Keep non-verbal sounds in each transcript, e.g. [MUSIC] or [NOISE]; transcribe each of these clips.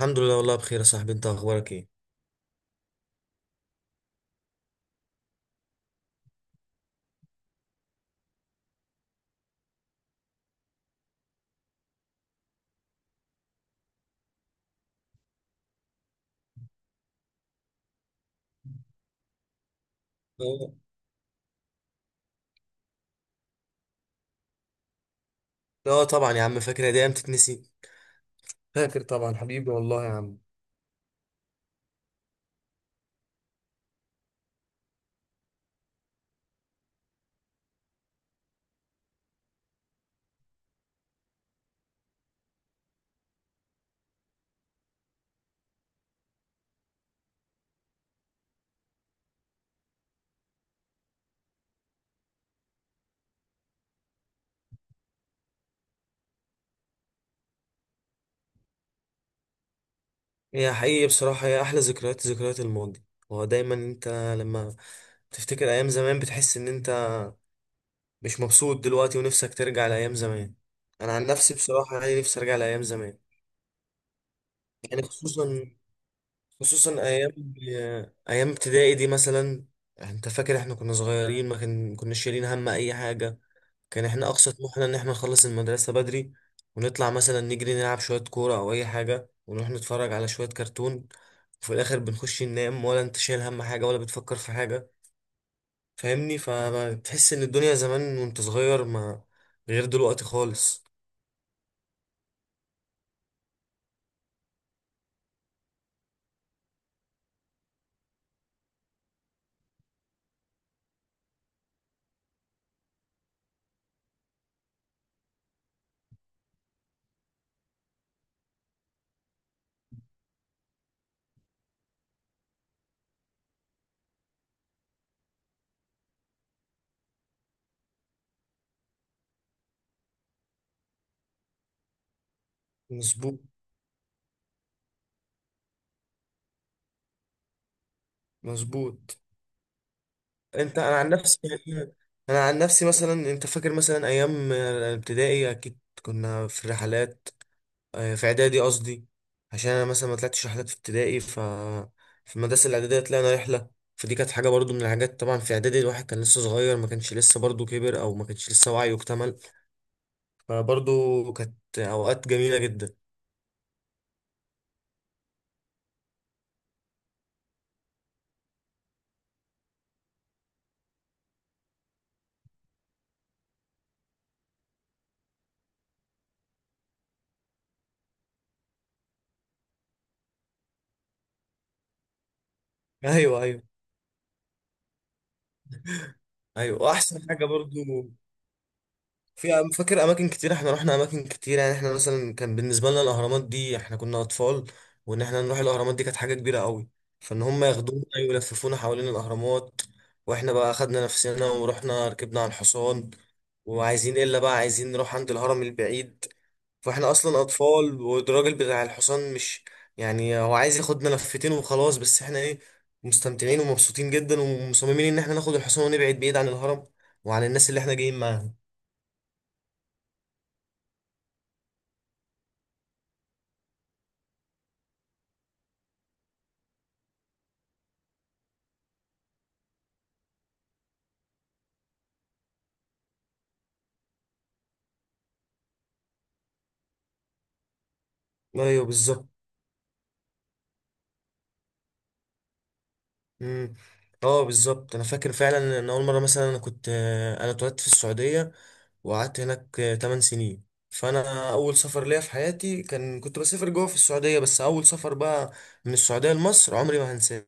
الحمد لله، والله بخير يا صاحبي، انت اخبارك ايه؟ اه. اه، طبعا يا عم فاكر، دي ايام تتنسي. فاكر طبعا، حبيبي والله يا عم. هي حقيقي بصراحة، هي احلى ذكريات، ذكريات الماضي. هو دايما انت، لما تفتكر ايام زمان بتحس ان انت مش مبسوط دلوقتي، ونفسك ترجع لايام زمان. انا عن نفسي بصراحة يعني، نفسي ارجع لايام زمان. يعني خصوصا ايام ابتدائي دي مثلا. انت فاكر احنا كنا صغيرين، ما كناش شايلين هم اي حاجة. كان احنا اقصى طموحنا ان احنا نخلص المدرسة بدري، ونطلع مثلا نجري نلعب شوية كورة او اي حاجة، ونروح نتفرج على شوية كرتون، وفي الاخر بنخش ننام، ولا انت شايل هم حاجة ولا بتفكر في حاجة، فاهمني؟ فبتحس ان الدنيا زمان وانت صغير، ما غير دلوقتي خالص. مظبوط. مظبوط. انت انا عن نفسي يعني، انا عن نفسي مثلا، انت فاكر مثلا ايام الابتدائي اكيد كنا في الرحلات، في اعدادي قصدي. عشان انا مثلا ما طلعتش رحلات في ابتدائي، في المدرسه الاعداديه طلعنا رحله، فدي كانت حاجه برضو من الحاجات. طبعا في اعدادي الواحد كان لسه صغير، ما كانش لسه برضو كبر، او ما كانش لسه وعيه اكتمل، فبرضو كانت اوقات جميله جدا. [LAUGHS] ايوه، ايوه. ايوه، واحسن حاجه برضو، فاكر اماكن كتير، احنا رحنا اماكن كتير، يعني احنا مثلا كان بالنسبه لنا الاهرامات دي، احنا كنا اطفال، وان احنا نروح الاهرامات دي كانت حاجه كبيره قوي، فان هم ياخدونا ويلففونا حوالين الاهرامات، واحنا بقى اخدنا نفسنا ورحنا ركبنا على الحصان، وعايزين الا بقى عايزين نروح عند الهرم البعيد، فاحنا اصلا اطفال، والراجل بتاع الحصان مش، يعني هو عايز ياخدنا لفتين وخلاص، بس احنا ايه، مستمتعين ومبسوطين جدا ومصممين ان احنا ناخد الحصان ونبعد بعيد عن الهرم، وعن الناس اللي احنا جايين معاهم. ايوه بالظبط. امم. اه بالظبط، انا فاكر فعلا ان اول مره مثلا انا كنت آه، انا اتولدت في السعوديه، وقعدت هناك 8 سنين. فانا اول سفر ليا في حياتي، كنت بسافر جوه في السعوديه، بس اول سفر بقى من السعوديه لمصر عمري ما هنساه.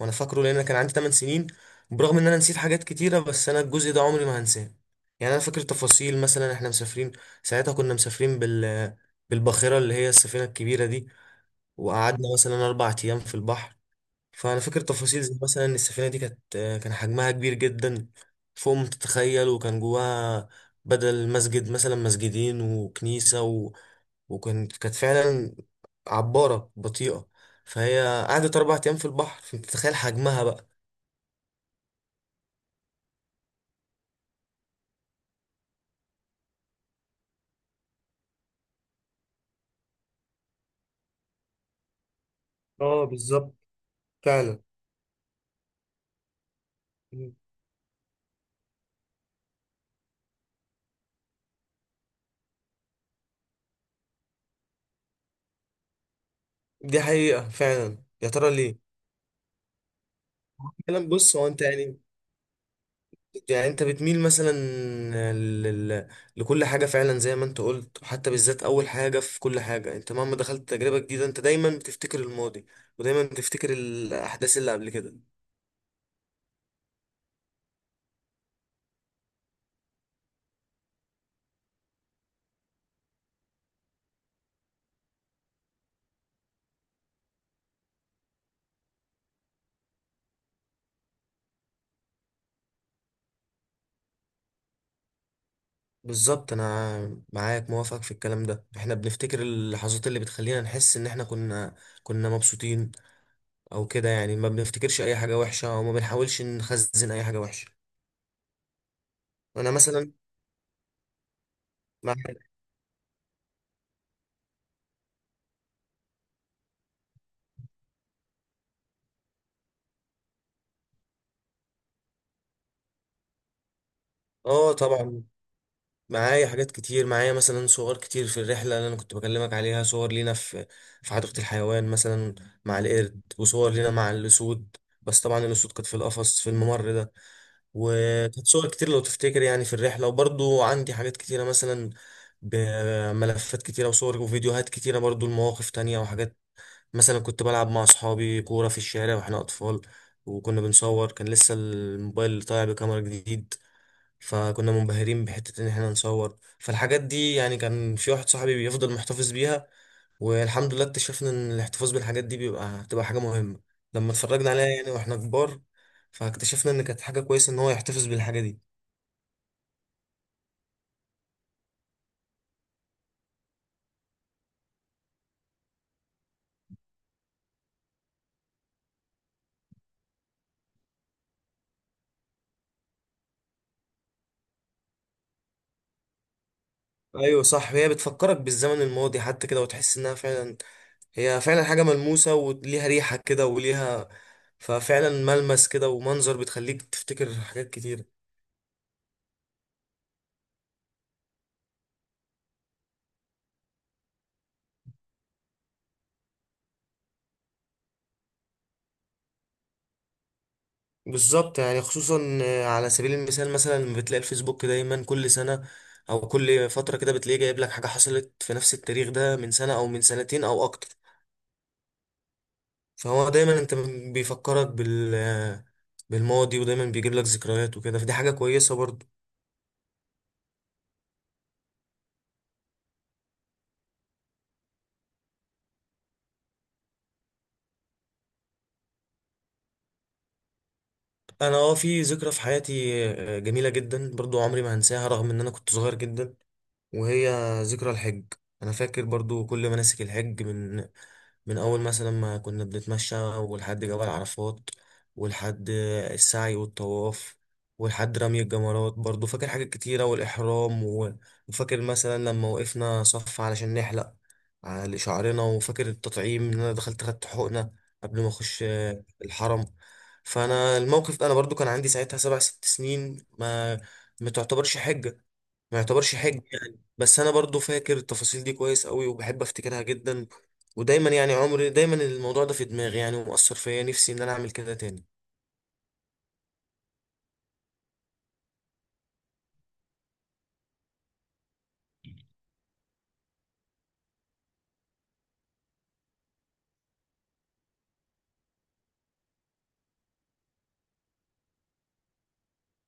وانا فاكره لان أنا كان عندي 8 سنين، برغم ان انا نسيت حاجات كتيره بس انا الجزء ده عمري ما هنساه. يعني انا فاكر تفاصيل، مثلا احنا مسافرين، ساعتها كنا مسافرين بالباخره اللي هي السفينه الكبيره دي، وقعدنا مثلا 4 ايام في البحر. فانا فاكر تفاصيل زي مثلا إن السفينه دي كان حجمها كبير جدا، فوق ما تتخيل، وكان جواها بدل مسجد مثلا مسجدين وكنيسه، وكانت فعلا عباره بطيئه، فهي قعدت 4 ايام في البحر، فانت تتخيل حجمها بقى. اه بالظبط. فعلا. دي حقيقه فعلا، يا ترى ليه؟ فعلا بص، هو انت يعني، انت بتميل مثلا لل... لكل حاجة، فعلا زي ما انت قلت، وحتى بالذات اول حاجة في كل حاجة، انت مهما دخلت تجربة جديدة انت دايما بتفتكر الماضي، ودايما بتفتكر الاحداث اللي قبل كده. بالظبط، انا معاك موافق في الكلام ده، احنا بنفتكر اللحظات اللي بتخلينا نحس ان احنا كنا مبسوطين، او كده يعني، ما بنفتكرش اي حاجة وحشة وما بنحاولش نخزن اي حاجة وحشة. انا مثلا. معاك. اه طبعا. معايا حاجات كتير، معايا مثلا صور كتير في الرحلة اللي أنا كنت بكلمك عليها، صور لينا في حديقة الحيوان مثلا مع القرد، وصور لينا مع الأسود، بس طبعا الأسود كانت في القفص في الممر ده، وكانت صور كتير لو تفتكر يعني في الرحلة. وبرضو عندي حاجات كتيرة، مثلا بملفات كتيرة وصور وفيديوهات كتيرة برضو لمواقف تانية وحاجات، مثلا كنت بلعب مع أصحابي كورة في الشارع وإحنا أطفال، وكنا بنصور، كان لسه الموبايل طالع بكاميرا جديد، فكنا منبهرين بحتة إن إحنا نصور، فالحاجات دي يعني كان في واحد صاحبي بيفضل محتفظ بيها، والحمد لله اكتشفنا إن الاحتفاظ بالحاجات دي هتبقى حاجة مهمة لما اتفرجنا عليها يعني وإحنا كبار، فاكتشفنا إن كانت حاجة كويسة إن هو يحتفظ بالحاجة دي. أيوة صح، هي بتفكرك بالزمن الماضي حتى كده، وتحس إنها فعلا، هي فعلا حاجة ملموسة وليها ريحة كده وليها، ففعلا ملمس كده ومنظر، بتخليك تفتكر حاجات كتير. بالظبط يعني، خصوصا، على سبيل المثال مثلا لما بتلاقي الفيسبوك دايما كل سنة او كل فترة كده، بتلاقيه جايب لك حاجة حصلت في نفس التاريخ ده من سنة او من سنتين او اكتر. فهو دايما انت بيفكرك بالماضي، ودايما بيجيب لك ذكريات وكده، فدي حاجة كويسة برضو. انا، في ذكرى في حياتي، جميلة جدا برضو عمري ما هنساها، رغم ان انا كنت صغير جدا، وهي ذكرى الحج. انا فاكر برضو كل مناسك الحج، من أول مثلا ما كنا بنتمشى، ولحد جبل عرفات، ولحد السعي والطواف، ولحد رمي الجمرات برضو، فاكر حاجات كتيرة، والإحرام وفاكر مثلا لما وقفنا صف علشان نحلق على شعرنا، وفاكر التطعيم إن أنا دخلت خدت حقنة قبل ما أخش الحرم. فأنا الموقف ده، أنا برضو كان عندي ساعتها سبع ست سنين، ما تعتبرش حجة، ما يعتبرش حج يعني، بس انا برضو فاكر التفاصيل دي كويس قوي، وبحب افتكرها جدا، ودايما يعني عمري دايما الموضوع ده في دماغي يعني، ومؤثر فيا نفسي ان انا اعمل كده تاني.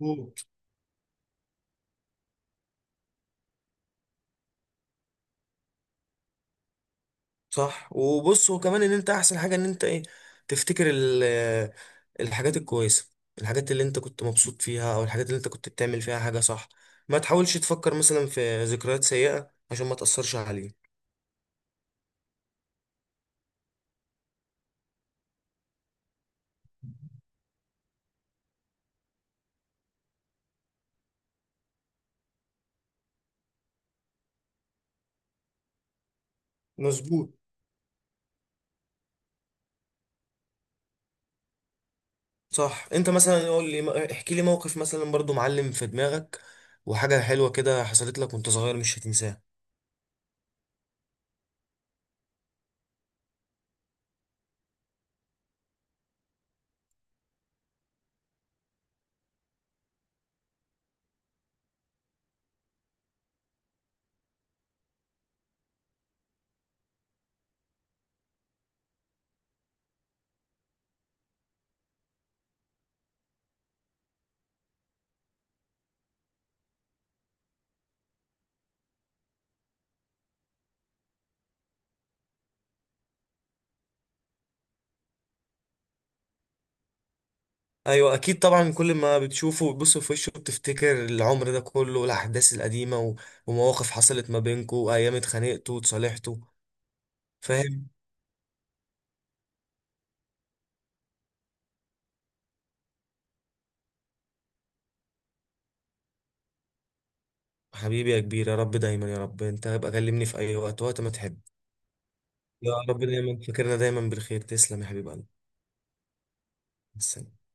مم. صح، وبص، وكمان ان انت احسن حاجة ان انت ايه، تفتكر الحاجات الكويسة، الحاجات اللي انت كنت مبسوط فيها، او الحاجات اللي انت كنت بتعمل فيها حاجة صح، ما تحاولش تفكر مثلا في ذكريات سيئة عشان ما تأثرش عليك. مظبوط. صح، انت مثلا قول لي، احكي لي موقف مثلا برضو معلم في دماغك، وحاجة حلوة كده حصلت لك وانت صغير مش هتنساها. ايوه اكيد طبعا، كل ما بتشوفه وتبص في وشه بتفتكر العمر ده كله والاحداث القديمة، ومواقف حصلت ما بينكو، وايام اتخانقتوا وتصالحتوا. فاهم. حبيبي يا كبير، يا رب دايما، يا رب انت ابقى كلمني في اي وقت ما تحب. يا رب دايما فاكرنا دايما بالخير، تسلم يا حبيب قلبي. مع السلامة.